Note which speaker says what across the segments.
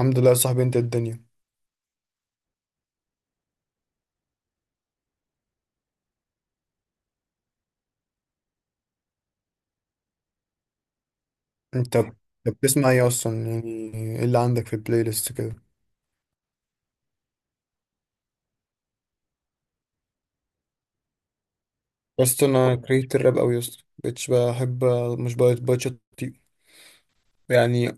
Speaker 1: الحمد لله يا صاحبي. انت الدنيا. انت ب- انت بتسمع ايه اصلا يعني؟ ايه اللي عندك في البلاي ليست كده؟ بس انا كرهت الراب قوي يا اسطى، مبقتش بحب. مش بقيت. يعني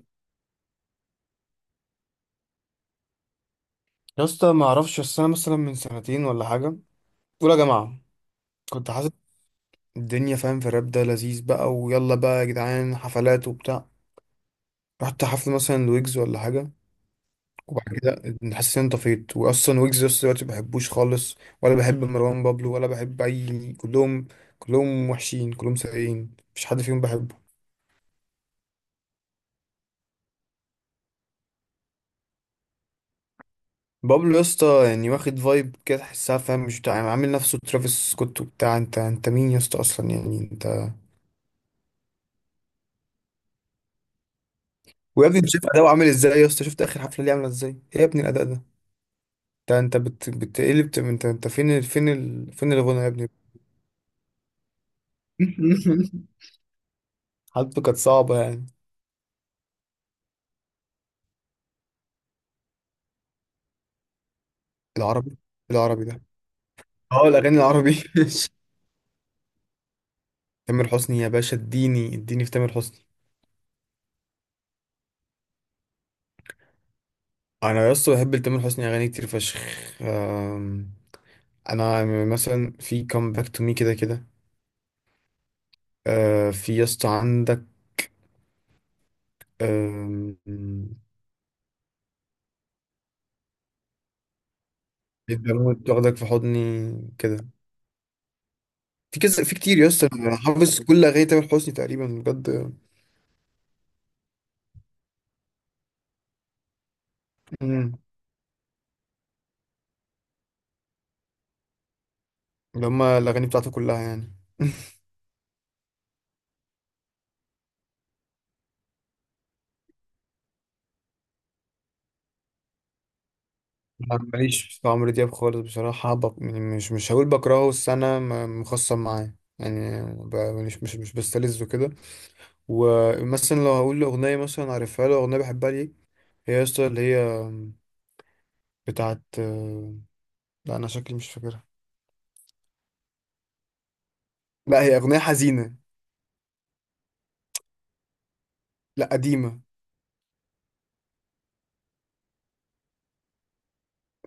Speaker 1: يا اسطى ما اعرفش، بس انا مثلا من سنتين ولا حاجه، اولى جماعه، كنت حاسس الدنيا فاهم في الراب ده لذيذ بقى، ويلا بقى يا جدعان حفلات وبتاع. رحت حفل مثلا لويجز ولا حاجه، وبعد كده حسيت ان أنا طفيت. واصلا ويجز لسه دلوقتي ما بحبوش خالص، ولا بحب مروان بابلو، ولا بحب اي كلهم. كلهم وحشين، كلهم سيئين، مفيش حد فيهم بحبه. بابلو يا اسطى يعني واخد فايب كده تحسها فاهم، مش بتاع يعني عامل نفسه ترافيس سكوت وبتاع. انت مين يا اسطى اصلا، يعني انت؟ ويا ابني انت شايف اداؤه عامل ازاي يا اسطى؟ شفت اخر حفله ليه عامله ازاي؟ ايه يا ابني الاداء ده؟ بتقلب. انت فين فين الغنى يا ابني؟ حالته كانت صعبه يعني. العربي، العربي ده. اه الاغاني العربي. تامر حسني يا باشا، اديني في تامر حسني. انا يا اسطى بحب تامر حسني اغاني كتير فشخ. آم، انا مثلا في كام باك تو مي كده كده. في يا اسطى عندك. آم، البنوة تاخدك في حضني كده. في كذا، في كتير يا اسطى، انا حافظ كل اغاني تامر حسني تقريبا بجد. مم. اللي هما الاغاني بتاعته كلها يعني. أنا ماليش في عمرو دياب خالص بصراحة. يعني مش هقول بكرهه، بس أنا مخصم معاه يعني. مش بستلذه كده. ومثلا لو هقول له اغنيه، مثلا عارفها له اغنيه بحبها ليه، هي يا اسطى اللي هي بتاعت، لا انا شكلي مش فاكرها. لا هي اغنيه حزينه. لا قديمه.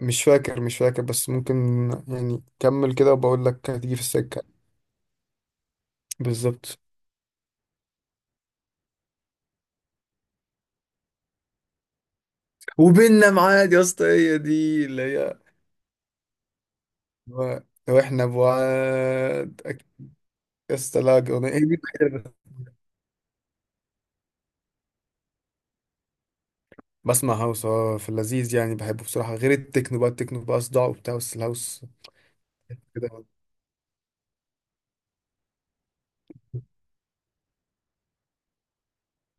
Speaker 1: مش فاكر، بس ممكن يعني كمل كده وبقول لك هتيجي في السكه. بالظبط. وبيننا معاد يا اسطى، هي دي اللي هي. و- واحنا بعاد يا اسطى، لا اغنيه هي دي الوحيدة اللي. بسمع هاوس اه، في اللذيذ يعني بحبه بصراحه. غير التكنو بقى، التكنو بقى صداع وبتاع، بس الهاوس كده.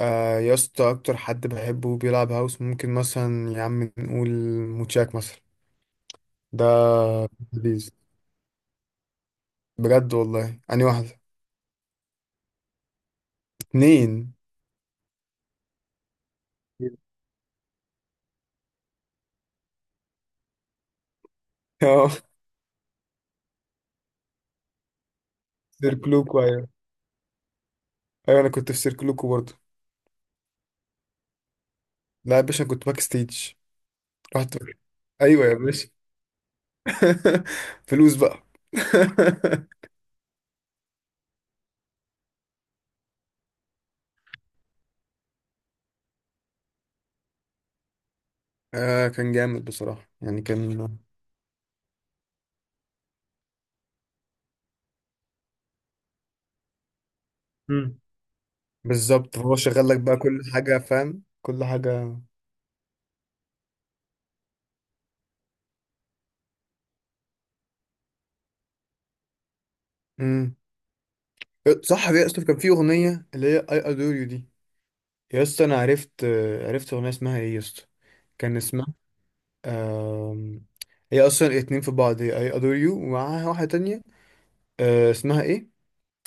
Speaker 1: آه يا اسطى اكتر حد بحبه بيلعب هاوس ممكن مثلا يا عم نقول موتشاك مثلا. ده لذيذ بجد والله. اني واحدة، اتنين. اه، سيركلوكو ايوه. ايوه انا كنت في سيركلوكو برضه. لا يا باشا أنا كنت باك ستيج. رحت ايوه يا باشا. فلوس بقى. آه كان جامد بصراحة يعني كان. امم. بالظبط هو شغال لك بقى كل حاجة فاهم كل حاجة. امم. صح يا اسطى كان في أغنية اللي هي I adore you دي. يا اسطى انا عرفت، عرفت اغنيه اسمها ايه يا اسطى. كان اسمها آم، هي اصلا اتنين في بعض، هي اي ادور يو ومعاها واحده تانية. اسمها ايه،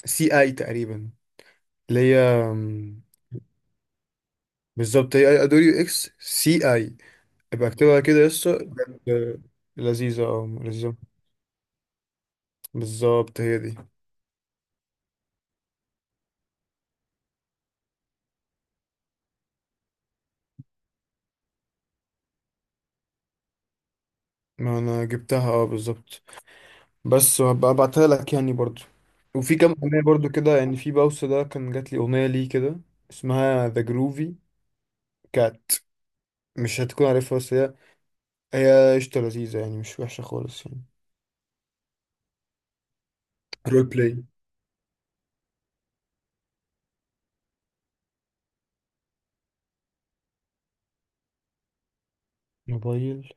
Speaker 1: سي اي تقريبا، اللي هي بالظبط، هي اي ادور يو اكس سي اي. ابقى اكتبها كده يا اسطى بجد. لذيذه اه لذيذه. بالظبط هي دي. ما انا جبتها اه بالظبط. بس وهبقى ابعتها لك يعني برضو. وفي كام اغنيه برضو كده يعني. في باوس ده كان جات لي اغنيه ليه كده اسمها ذا جروفي كات. مش هتكون عارفها، بس هي هي قشطة لذيذة يعني مش وحشة خالص يعني. رول بلاي، موبايل.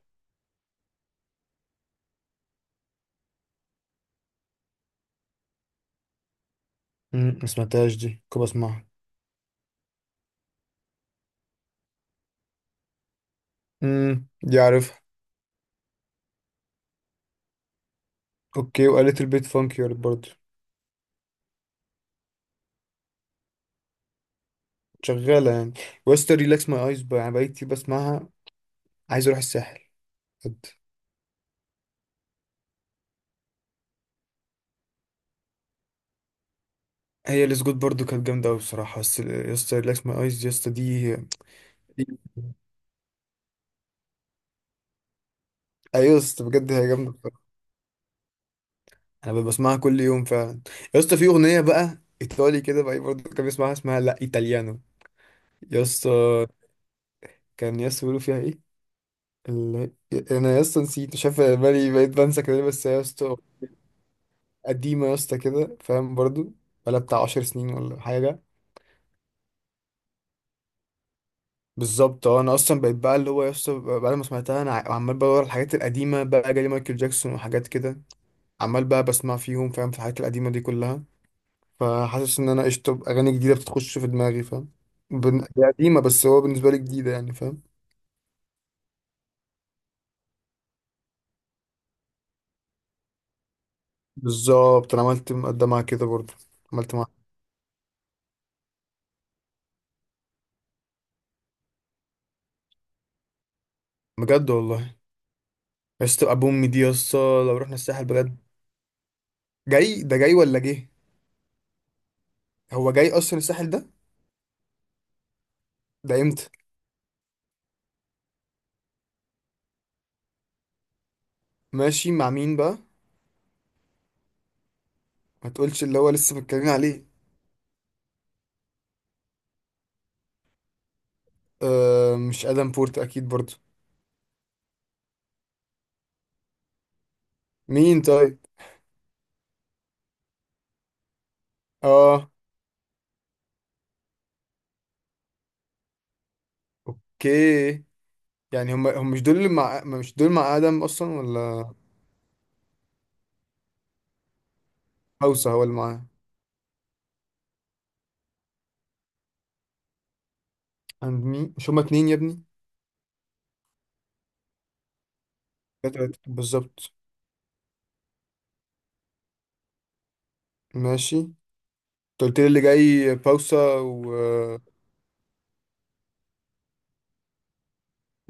Speaker 1: ما سمعتهاش دي، كنت بسمعها. امم، دي عارفها. اوكي، وقالت البيت فانكي يارد برضه. شغالة يعني. وستر ريلاكس ماي ايز بقى انا بقيت كتير بسمعها. عايز اروح الساحل بجد. هي الاسجود برضه كانت جامدة اوي بصراحة، بس يسطا ريلاكس ماي ايز يسطا دي. دي- ايوه يا اسطى بجد هي جامده بصراحة. انا بسمعها كل يوم فعلا. يا اسطى في اغنيه بقى ايطالي كده بقى برضه كان بيسمعها اسمها لا ايطاليانو. يا اسطى كان يس بيقولوا فيها ايه ال... انا يس نسيت، شايف بالي بقيت بنسى كده، بس هي يا اسطى قديمه يا اسطى كده فاهم برضو، بقالها بتاع 10 سنين ولا حاجه. بالظبط اه، انا اصلا بقيت بقى اللي هو يا اسطى، بعد ما سمعتها انا عمال بدور على الحاجات القديمه بقى، جالي مايكل جاكسون وحاجات كده. عمال بقى بسمع فيهم فاهم، في الحاجات القديمه دي كلها. فحاسس ان انا قشطه اغاني جديده بتخش في دماغي فاهم. هي قديمه بس هو بالنسبه لي جديده يعني فاهم. بالظبط، انا عملت مقدمه كده برضو، عملت معاها. بجد والله؟ يا اسطى ابو امي دي يا اسطى، لو رحنا الساحل بجد. جاي ده، جاي ولا جه؟ هو جاي اصلا الساحل ده؟ ده امتى؟ ماشي مع مين بقى؟ ما تقولش اللي هو لسه متكلمين عليه. آه مش ادم بورت اكيد برضو. مين طيب؟ اه اوكي. يعني هم مش دول اللي مع، ما مش دول مع ادم اصلا ولا؟ هوسه هو اللي معاه؟ عند مين؟ مش هما اتنين يا ابني؟ تلاتة بالظبط. ماشي. انت قلت لي اللي جاي باوسا و.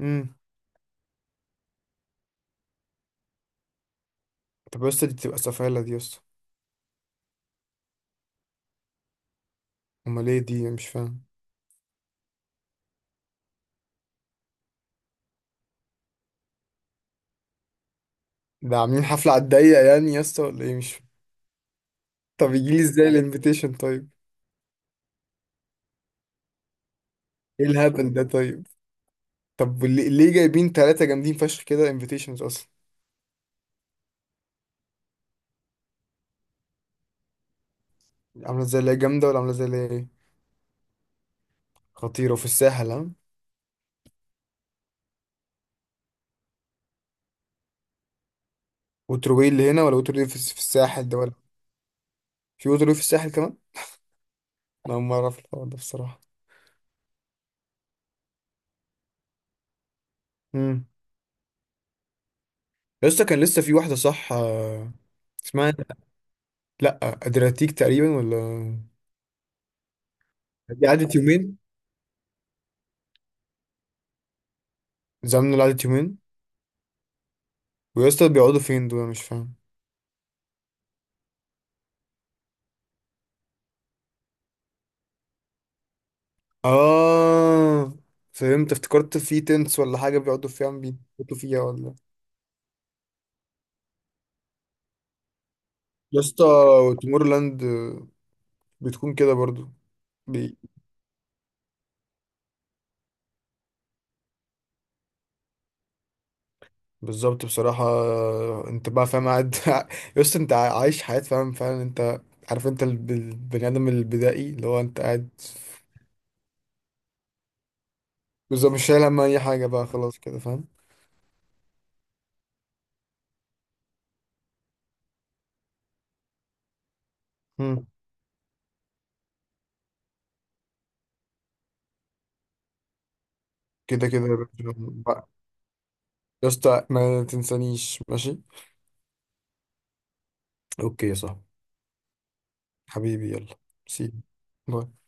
Speaker 1: امم. طب يا اسطى دي بتبقى سفالة دي يا اسطى. امال ايه دي مش فاهم؟ ده عاملين حفلة على الضيق يعني يا اسطى ولا ايه؟ مش، طب يجيلي ازاي الانفيتيشن طيب؟ ايه الهبل ده طيب؟ طب ليه جايبين ثلاثة جامدين فشخ كده انفيتيشنز اصلا؟ عاملة زي اللي هي جامدة، ولا عاملة زي اللي هي ايه؟ خطيرة في الساحل ها؟ وتروي اللي هنا، ولا وتروي في، في الساحل ده ولا؟ في وتروي في الساحل كمان؟ انا اول مرة اعرف الحوار ده بصراحة. امم. يا اسطى كان لسه في واحدة صح، اسمها لا ادرياتيك تقريبا ولا؟ دي قعدت يومين. زمن اللي قعدت يومين. ويا اسطى بيقعدوا فين دول أنا مش فاهم. اه فهمت، افتكرت في تنس ولا حاجة بيقعدوا فيها بيموتوا فيها ولا. يا اسطى تومورلاند بتكون كده برضو. بي... بالظبط بصراحة. انت بقى فاهم قاعد يا اسطى، انت عايش حياة فاهم فعلا انت. عارف انت البني آدم البدائي اللي هو انت قاعد. بالظبط، مش شايل هم أي حاجة بقى خلاص كده فاهم. مم. كده كده يا باشا بقى. يا اسطى ما تنسانيش، ماشي؟ اوكي يا صاحبي. حبيبي يلا. سي. باي.